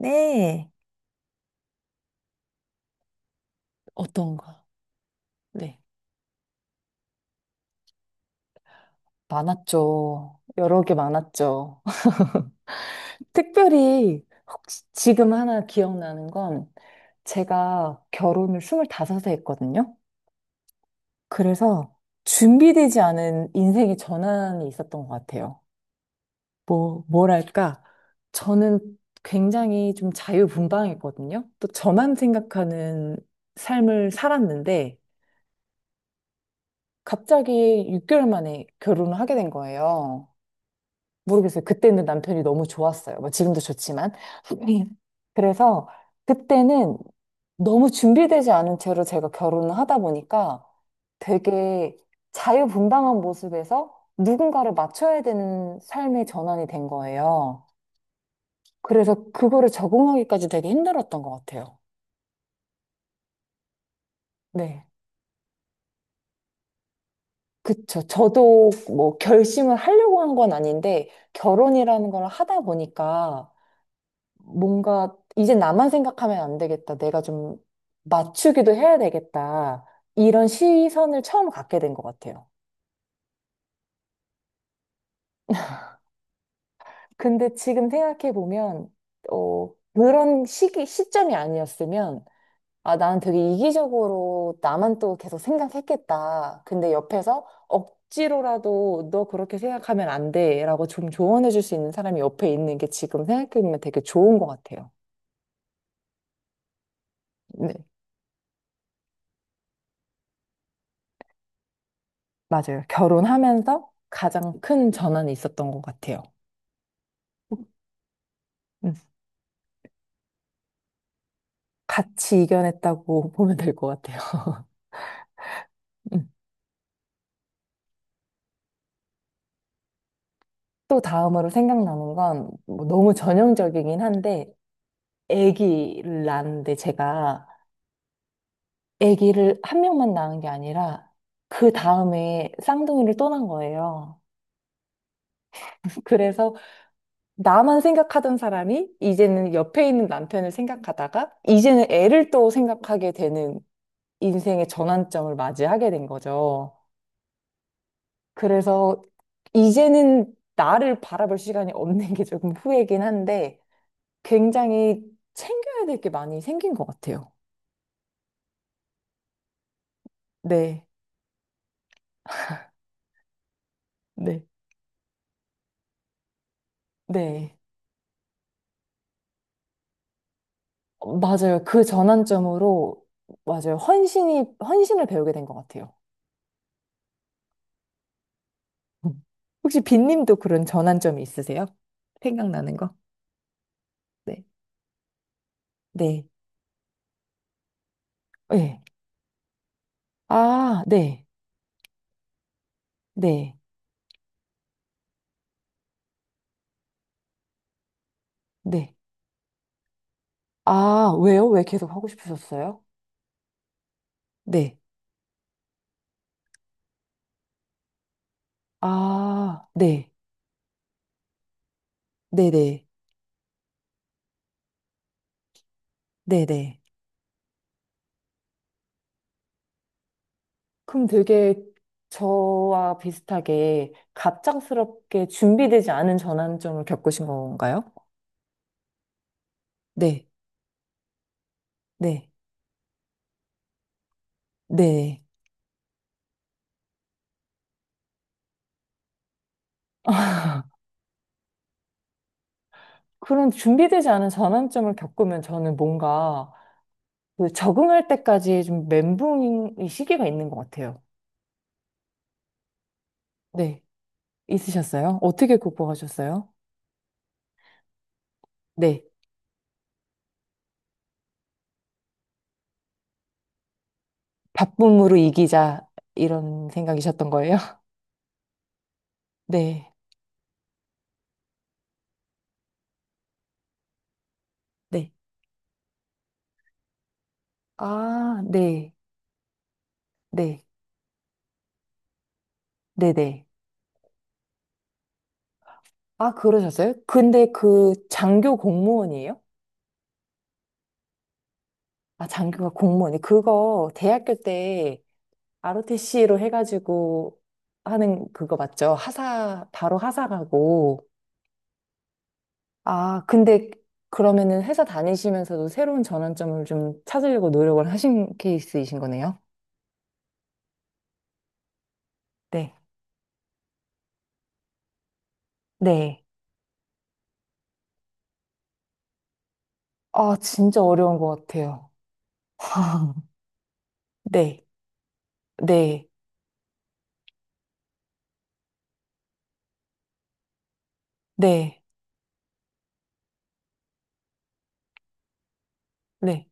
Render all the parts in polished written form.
네. 어떤가? 네. 많았죠. 여러 개 많았죠. 특별히 혹시 지금 하나 기억나는 건 제가 결혼을 25세 했거든요. 그래서 준비되지 않은 인생의 전환이 있었던 것 같아요. 뭐랄까. 저는 굉장히 좀 자유분방했거든요. 또 저만 생각하는 삶을 살았는데 갑자기 6개월 만에 결혼을 하게 된 거예요. 모르겠어요. 그때는 남편이 너무 좋았어요. 뭐 지금도 좋지만. 그래서 그때는 너무 준비되지 않은 채로 제가 결혼을 하다 보니까 되게 자유분방한 모습에서 누군가를 맞춰야 되는 삶의 전환이 된 거예요. 그래서 그거를 적응하기까지 되게 힘들었던 것 같아요. 네. 그쵸. 저도 뭐 결심을 하려고 한 건 아닌데 결혼이라는 걸 하다 보니까 뭔가 이제 나만 생각하면 안 되겠다. 내가 좀 맞추기도 해야 되겠다. 이런 시선을 처음 갖게 된 것 같아요. 근데 지금 생각해 보면 어, 그런 시기 시점이 아니었으면 아, 나는 되게 이기적으로 나만 또 계속 생각했겠다. 근데 옆에서 억지로라도 너 그렇게 생각하면 안 돼라고 좀 조언해 줄 수 있는 사람이 옆에 있는 게 지금 생각해 보면 되게 좋은 것 같아요. 네. 맞아요. 결혼하면서 가장 큰 전환이 있었던 것 같아요. 음, 같이 이겨냈다고 보면 될 것 같아요. 음. 또 다음으로 생각나는 건뭐 너무 전형적이긴 한데 아기를 낳았는데 제가 아기를 한 명만 낳은 게 아니라 그 다음에 쌍둥이를 또 낳은 거예요. 그래서 나만 생각하던 사람이 이제는 옆에 있는 남편을 생각하다가 이제는 애를 또 생각하게 되는 인생의 전환점을 맞이하게 된 거죠. 그래서 이제는 나를 바라볼 시간이 없는 게 조금 후회긴 한데 굉장히 챙겨야 될 게 많이 생긴 것 같아요. 네, 네, 네. 어, 맞아요. 그 전환점으로, 맞아요. 헌신을 배우게 된 것 같아요. 음. 혹시 빈님도 그런 전환점이 있으세요? 생각나는 거? 네, 네, 네. 아, 네, 네, 네. 아, 왜요? 왜 계속 하고 싶으셨어요? 네. 아, 네, 네네, 네네. 그럼 되게 저와 비슷하게 갑작스럽게 준비되지 않은 전환점을 겪으신 건가요? 네, 네, 네. 그런 준비되지 않은 전환점을 겪으면 저는 뭔가 그 적응할 때까지 좀 멘붕이 시기가 있는 것 같아요. 네, 있으셨어요? 어떻게 극복하셨어요? 네. 바쁨으로 이기자 이런 생각이셨던 거예요? 네, 네. 아, 네, 네, 네, 네. 아, 그러셨어요? 근데 그 장교 공무원이에요? 아, 장교가 공무원이 그거 대학교 때 ROTC로 해가지고 하는 그거 맞죠? 하사, 바로 하사 가고. 아, 근데 그러면은 회사 다니시면서도 새로운 전환점을 좀 찾으려고 노력을 하신 케이스이신 거네요? 네. 네. 아, 진짜 어려운 것 같아요. 네. 네. 네. 네.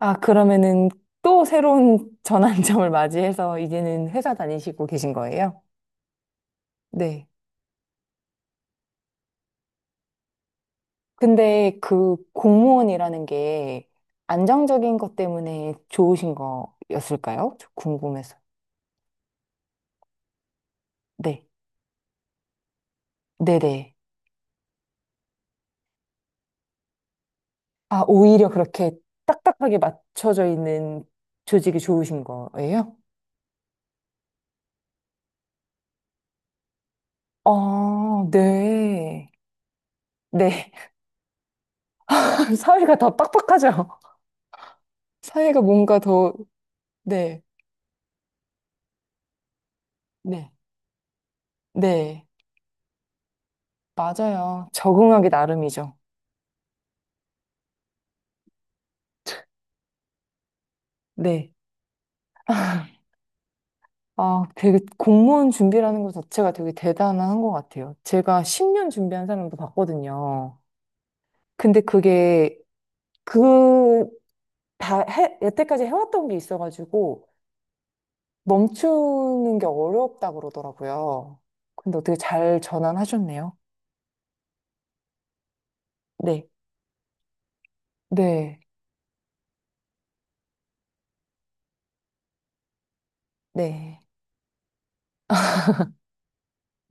아, 그러면은 또 새로운 전환점을 맞이해서 이제는 회사 다니시고 계신 거예요? 네. 근데 그 공무원이라는 게 안정적인 것 때문에 좋으신 거였을까요? 저 궁금해서. 네. 네네. 아, 오히려 그렇게 딱딱하게 맞춰져 있는 조직이 좋으신 거예요? 아, 네. 네. 사회가 더 빡빡하죠? 사회가 뭔가 더, 네. 네. 네. 맞아요. 적응하기 나름이죠. 네. 아, 되게 공무원 준비라는 것 자체가 되게 대단한 것 같아요. 제가 10년 준비한 사람도 봤거든요. 근데 그게 그, 여태까지 해왔던 게 있어가지고 멈추는 게 어렵다 그러더라고요. 근데 어떻게 잘 전환하셨네요. 네. 네, 네.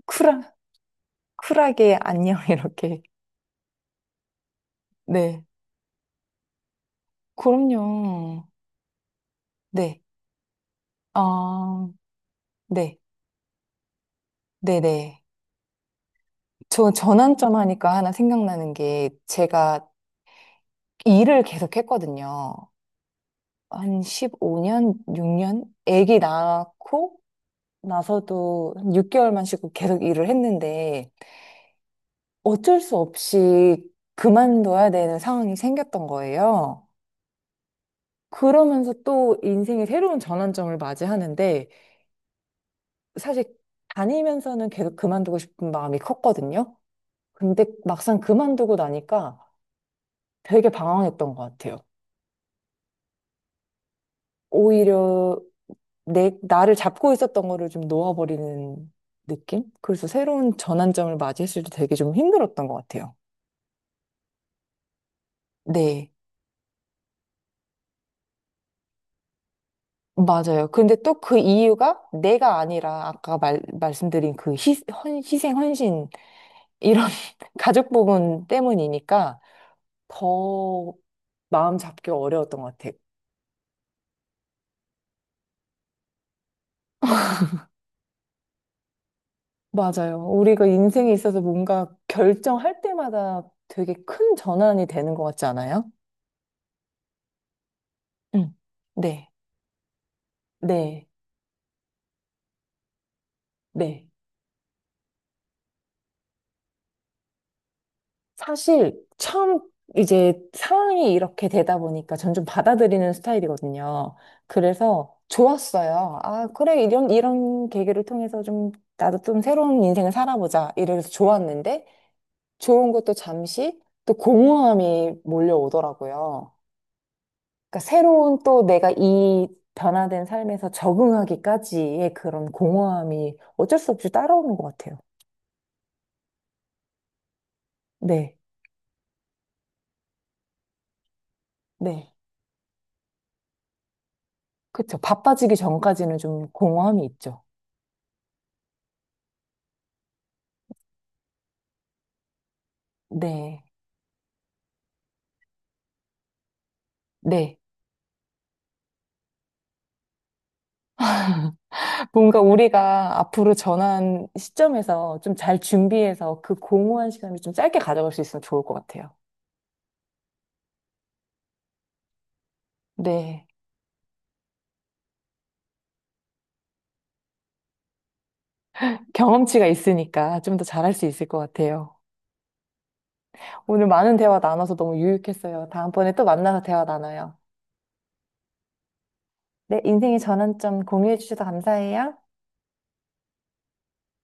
쿨하, 쿨하게 안녕, 이렇게. 네. 그럼요. 네. 아, 네. 네네. 저 전환점 하니까 하나 생각나는 게 제가 일을 계속 했거든요. 한 15년, 6년? 아기 낳고 나서도 한 6개월만 쉬고 계속 일을 했는데 어쩔 수 없이 그만둬야 되는 상황이 생겼던 거예요. 그러면서 또 인생의 새로운 전환점을 맞이하는데 사실 다니면서는 계속 그만두고 싶은 마음이 컸거든요. 근데 막상 그만두고 나니까 되게 방황했던 것 같아요. 오히려 나를 잡고 있었던 거를 좀 놓아버리는 느낌? 그래서 새로운 전환점을 맞이했을 때 되게 좀 힘들었던 것 같아요. 네, 맞아요. 근데 또 그 이유가 내가 아니라 아까 말씀드린 그 희생, 헌신, 이런 가족 부분 때문이니까 더 마음 잡기 어려웠던 것 같아요. 맞아요. 우리가 인생에 있어서 뭔가 결정할 때마다 되게 큰 전환이 되는 것 같지 않아요? 응. 네, 네, 네. 사실 처음 이제 상황이 이렇게 되다 보니까 전 좀 받아들이는 스타일이거든요. 그래서 좋았어요. 아, 그래, 이런 계기를 통해서 좀 나도 좀 새로운 인생을 살아보자. 이래서 좋았는데 좋은 것도 잠시 또 공허함이 몰려오더라고요. 그러니까 새로운 또 내가 이 변화된 삶에서 적응하기까지의 그런 공허함이 어쩔 수 없이 따라오는 것 같아요. 네, 네. 그쵸. 바빠지기 전까지는 좀 공허함이 있죠. 네. 네. 뭔가 우리가 앞으로 전환 시점에서 좀 잘 준비해서 그 공허한 시간을 좀 짧게 가져갈 수 있으면 좋을 것 같아요. 네. 경험치가 있으니까 좀 더 잘할 수 있을 것 같아요. 오늘 많은 대화 나눠서 너무 유익했어요. 다음번에 또 만나서 대화 나눠요. 네. 인생의 전환점 공유해 주셔서 감사해요.